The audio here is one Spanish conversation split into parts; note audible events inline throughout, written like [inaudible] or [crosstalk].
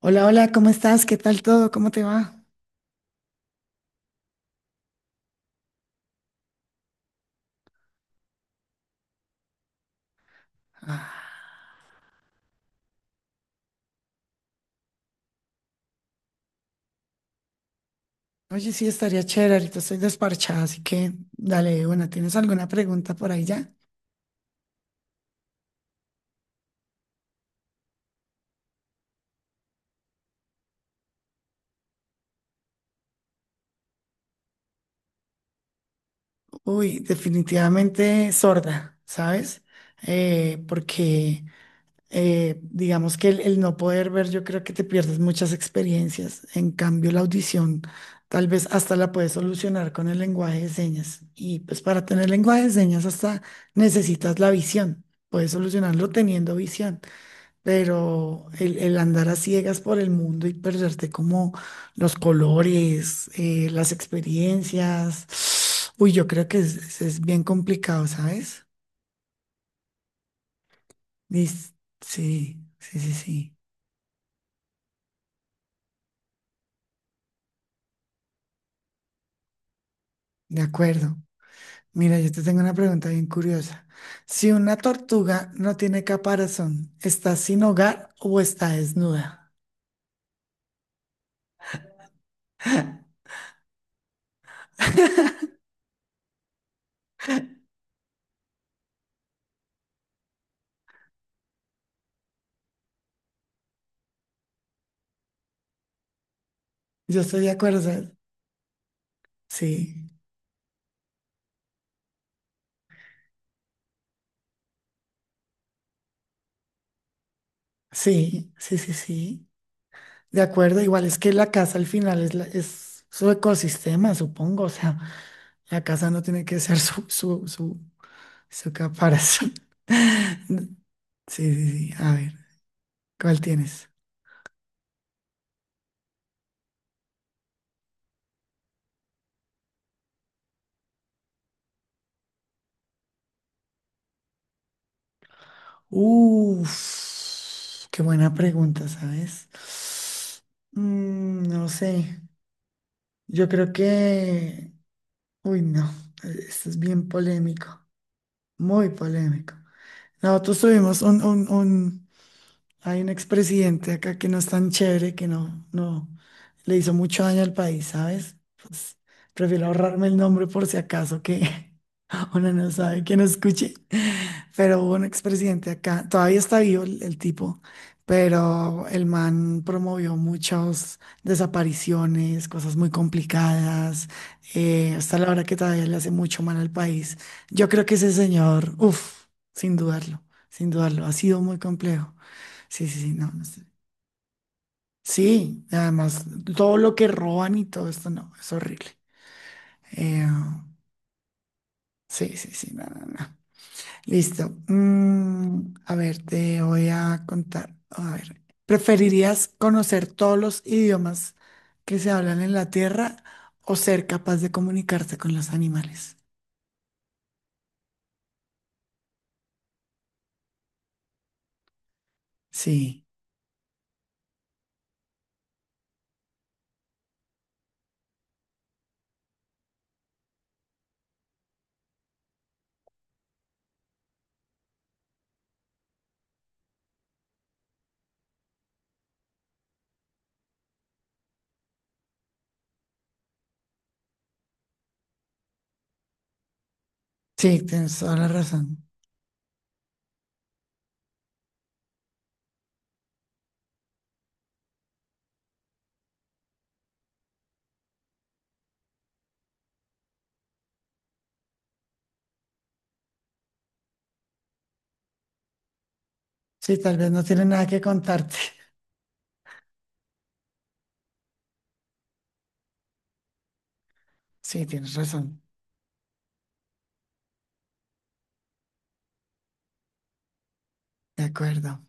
Hola, hola, ¿cómo estás? ¿Qué tal todo? ¿Cómo te va? Ah, oye, sí, estaría chévere, ahorita estoy desparchada, así que dale, bueno, ¿tienes alguna pregunta por ahí ya? Uy, definitivamente sorda, ¿sabes? Porque digamos que el no poder ver, yo creo que te pierdes muchas experiencias. En cambio, la audición tal vez hasta la puedes solucionar con el lenguaje de señas. Y pues para tener lenguaje de señas hasta necesitas la visión. Puedes solucionarlo teniendo visión. Pero el andar a ciegas por el mundo y perderte como los colores, las experiencias, [sniffs] uy, yo creo que es bien complicado, ¿sabes? Dis- sí, sí, sí, sí, de acuerdo. Mira, yo te tengo una pregunta bien curiosa. Si una tortuga no tiene caparazón, ¿está sin hogar o está desnuda? [laughs] Yo estoy de acuerdo, ¿sabes? Sí, sí, sí, sí, sí. De acuerdo, igual es que la casa al final es, es su ecosistema, supongo. O sea, la casa no tiene que ser su caparazón. [laughs] Sí, sí, sí. A ver, ¿cuál tienes? Uf, qué buena pregunta, ¿sabes? Mm, no sé. Yo creo que… Uy, no. Esto es bien polémico. Muy polémico. Nosotros tuvimos hay un expresidente acá que no es tan chévere, que no le hizo mucho daño al país, ¿sabes? Pues prefiero ahorrarme el nombre por si acaso que [laughs] uno no sabe que no escuche. Pero hubo un expresidente acá, todavía está vivo el tipo, pero el man promovió muchas desapariciones, cosas muy complicadas. Hasta la hora que todavía le hace mucho mal al país. Yo creo que ese señor, uff, sin dudarlo, sin dudarlo, ha sido muy complejo. Sí, sí, sí, no, no sé. Sí, además, todo lo que roban y todo esto, no, es horrible. Eh, sí, sí, sí, no, no, no. Listo. Mm, a ver, te voy a contar. A ver, ¿preferirías conocer todos los idiomas que se hablan en la Tierra o ser capaz de comunicarte con los animales? Sí, sí, tienes toda la razón. Sí, tal vez no tienen nada que contarte. [laughs] Sí, tienes razón. De acuerdo.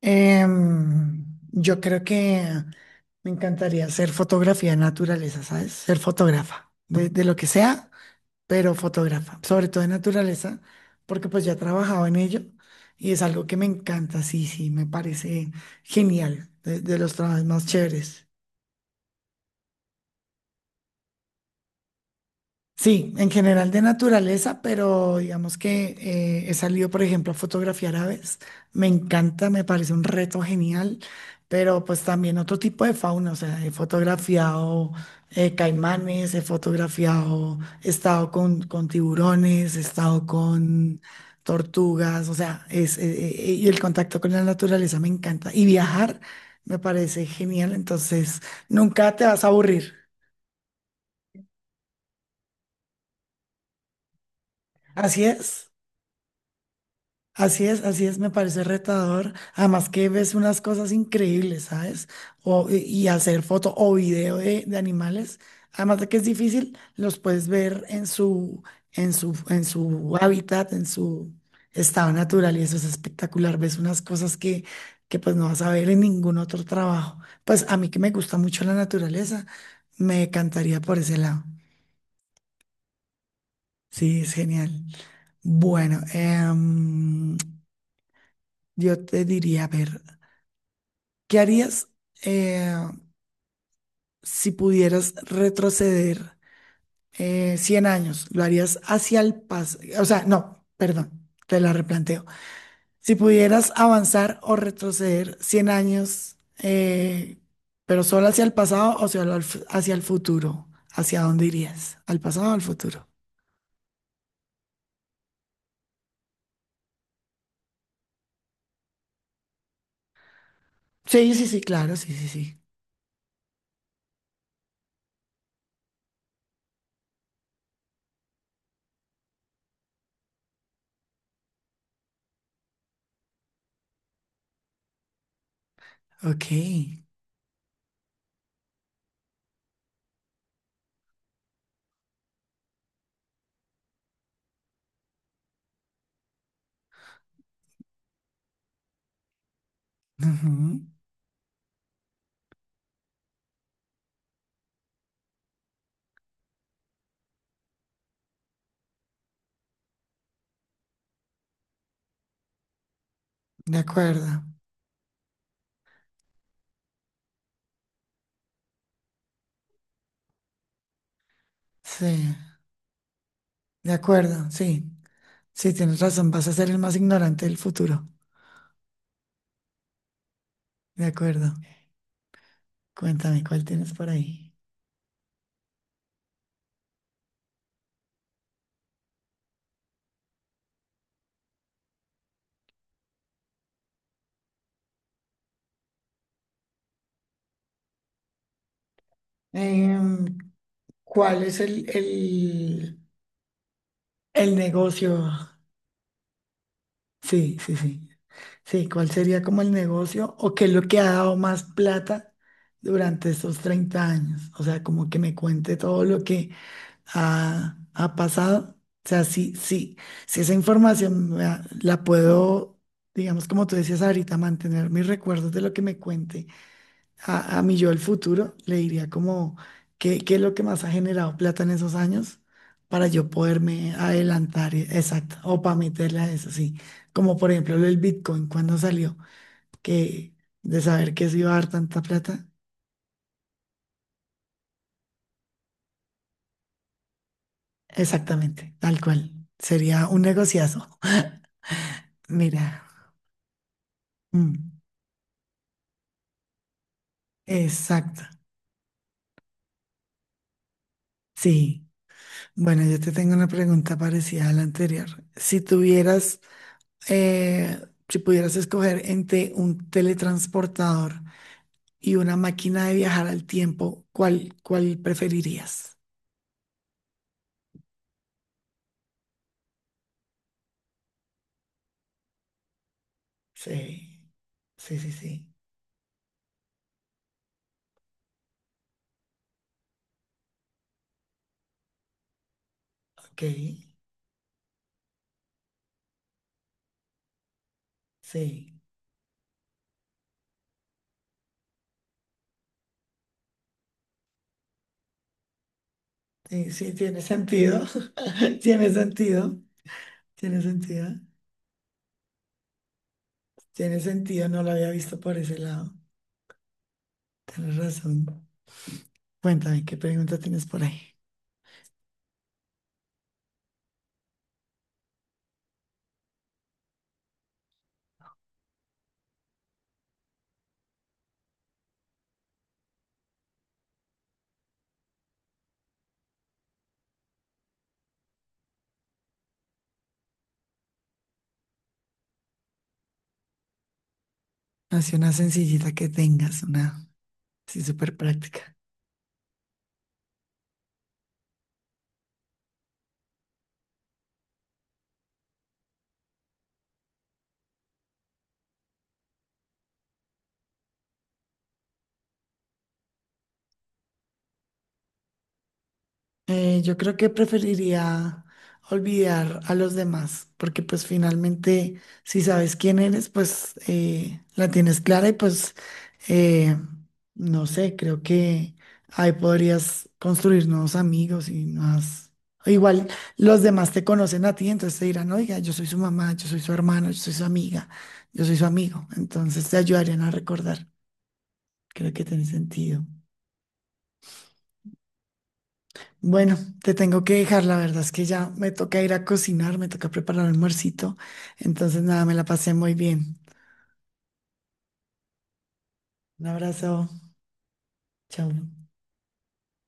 Em, yo creo que me encantaría hacer fotografía de naturaleza, ¿sabes? Ser fotógrafa, de lo que sea, pero fotógrafa, sobre todo de naturaleza, porque pues ya he trabajado en ello y es algo que me encanta, sí, sí, me parece genial, de los trabajos más chéveres. Sí, en general de naturaleza, pero digamos que he salido, por ejemplo, a fotografiar aves. Me encanta, me parece un reto genial, pero pues también otro tipo de fauna. O sea, he fotografiado caimanes, he fotografiado, he estado con tiburones, he estado con tortugas. O sea, es, y el contacto con la naturaleza me encanta. Y viajar me parece genial, entonces nunca te vas a aburrir. Así es. Así es, así es, me parece retador. Además que ves unas cosas increíbles, ¿sabes? O, y hacer foto o video de animales, además de que es difícil, los puedes ver en su, en su hábitat, en su estado natural, y eso es espectacular. Ves unas cosas que pues no vas a ver en ningún otro trabajo. Pues a mí que me gusta mucho la naturaleza, me encantaría por ese lado. Sí, es genial. Bueno, yo te diría, a ver. ¿Qué harías eh, si pudieras retroceder 100 años? ¿Lo harías hacia el pasado? O sea, no, perdón, te la replanteo. Si pudieras avanzar o retroceder 100 años, pero solo hacia el pasado o solo al hacia el futuro, ¿hacia dónde irías? ¿Al pasado o al futuro? Sí, sí, sí, claro, sí, sí, sí. Ok. Ujú. De acuerdo. Sí, de acuerdo, sí. Sí, tienes razón, vas a ser el más ignorante del futuro. De acuerdo. Cuéntame, ¿cuál tienes por ahí? Em, ¿cuál es el negocio? Sí, sí, sí. Sí, ¿cuál sería como el negocio o qué es lo que ha dado más plata durante estos 30 años? O sea, como que me cuente todo lo que ha pasado. O sea, sí, sí, si esa información me la puedo, digamos, como tú decías ahorita, mantener mis recuerdos de lo que me cuente a mi yo del futuro, le diría como qué es lo que más ha generado plata en esos años para yo poderme adelantar, exacto, o para meterle a eso, sí. Como por ejemplo el Bitcoin cuando salió, que de saber que se iba a dar tanta plata, exactamente, tal cual. Sería un negociazo. [laughs] Mira, mm, exacto, sí. Bueno, yo te tengo una pregunta parecida a la anterior. Si tuvieras eh, si pudieras escoger entre un teletransportador y una máquina de viajar al tiempo, ¿cuál preferirías? Sí, sí, sí, sí. Ok, sí. Sí, sí, tiene sentido. [laughs] Tiene sentido. Tiene sentido. Tiene sentido. No lo había visto por ese lado. Tienes razón. Cuéntame, ¿qué pregunta tienes por ahí? Así una sencillita que tengas, una así súper práctica. Yo creo que preferiría olvidar a los demás, porque pues finalmente si sabes quién eres, pues la tienes clara y pues eh, no sé, creo que ahí podrías construir nuevos amigos y más. Igual los demás te conocen a ti, entonces te dirán, oiga, yo soy su mamá, yo soy su hermano, yo soy su amiga, yo soy su amigo. Entonces te ayudarían a recordar. Creo que tiene sentido. Bueno, te tengo que dejar, la verdad es que ya me toca ir a cocinar, me toca preparar almuercito. Entonces, nada, me la pasé muy bien. Un abrazo, chao.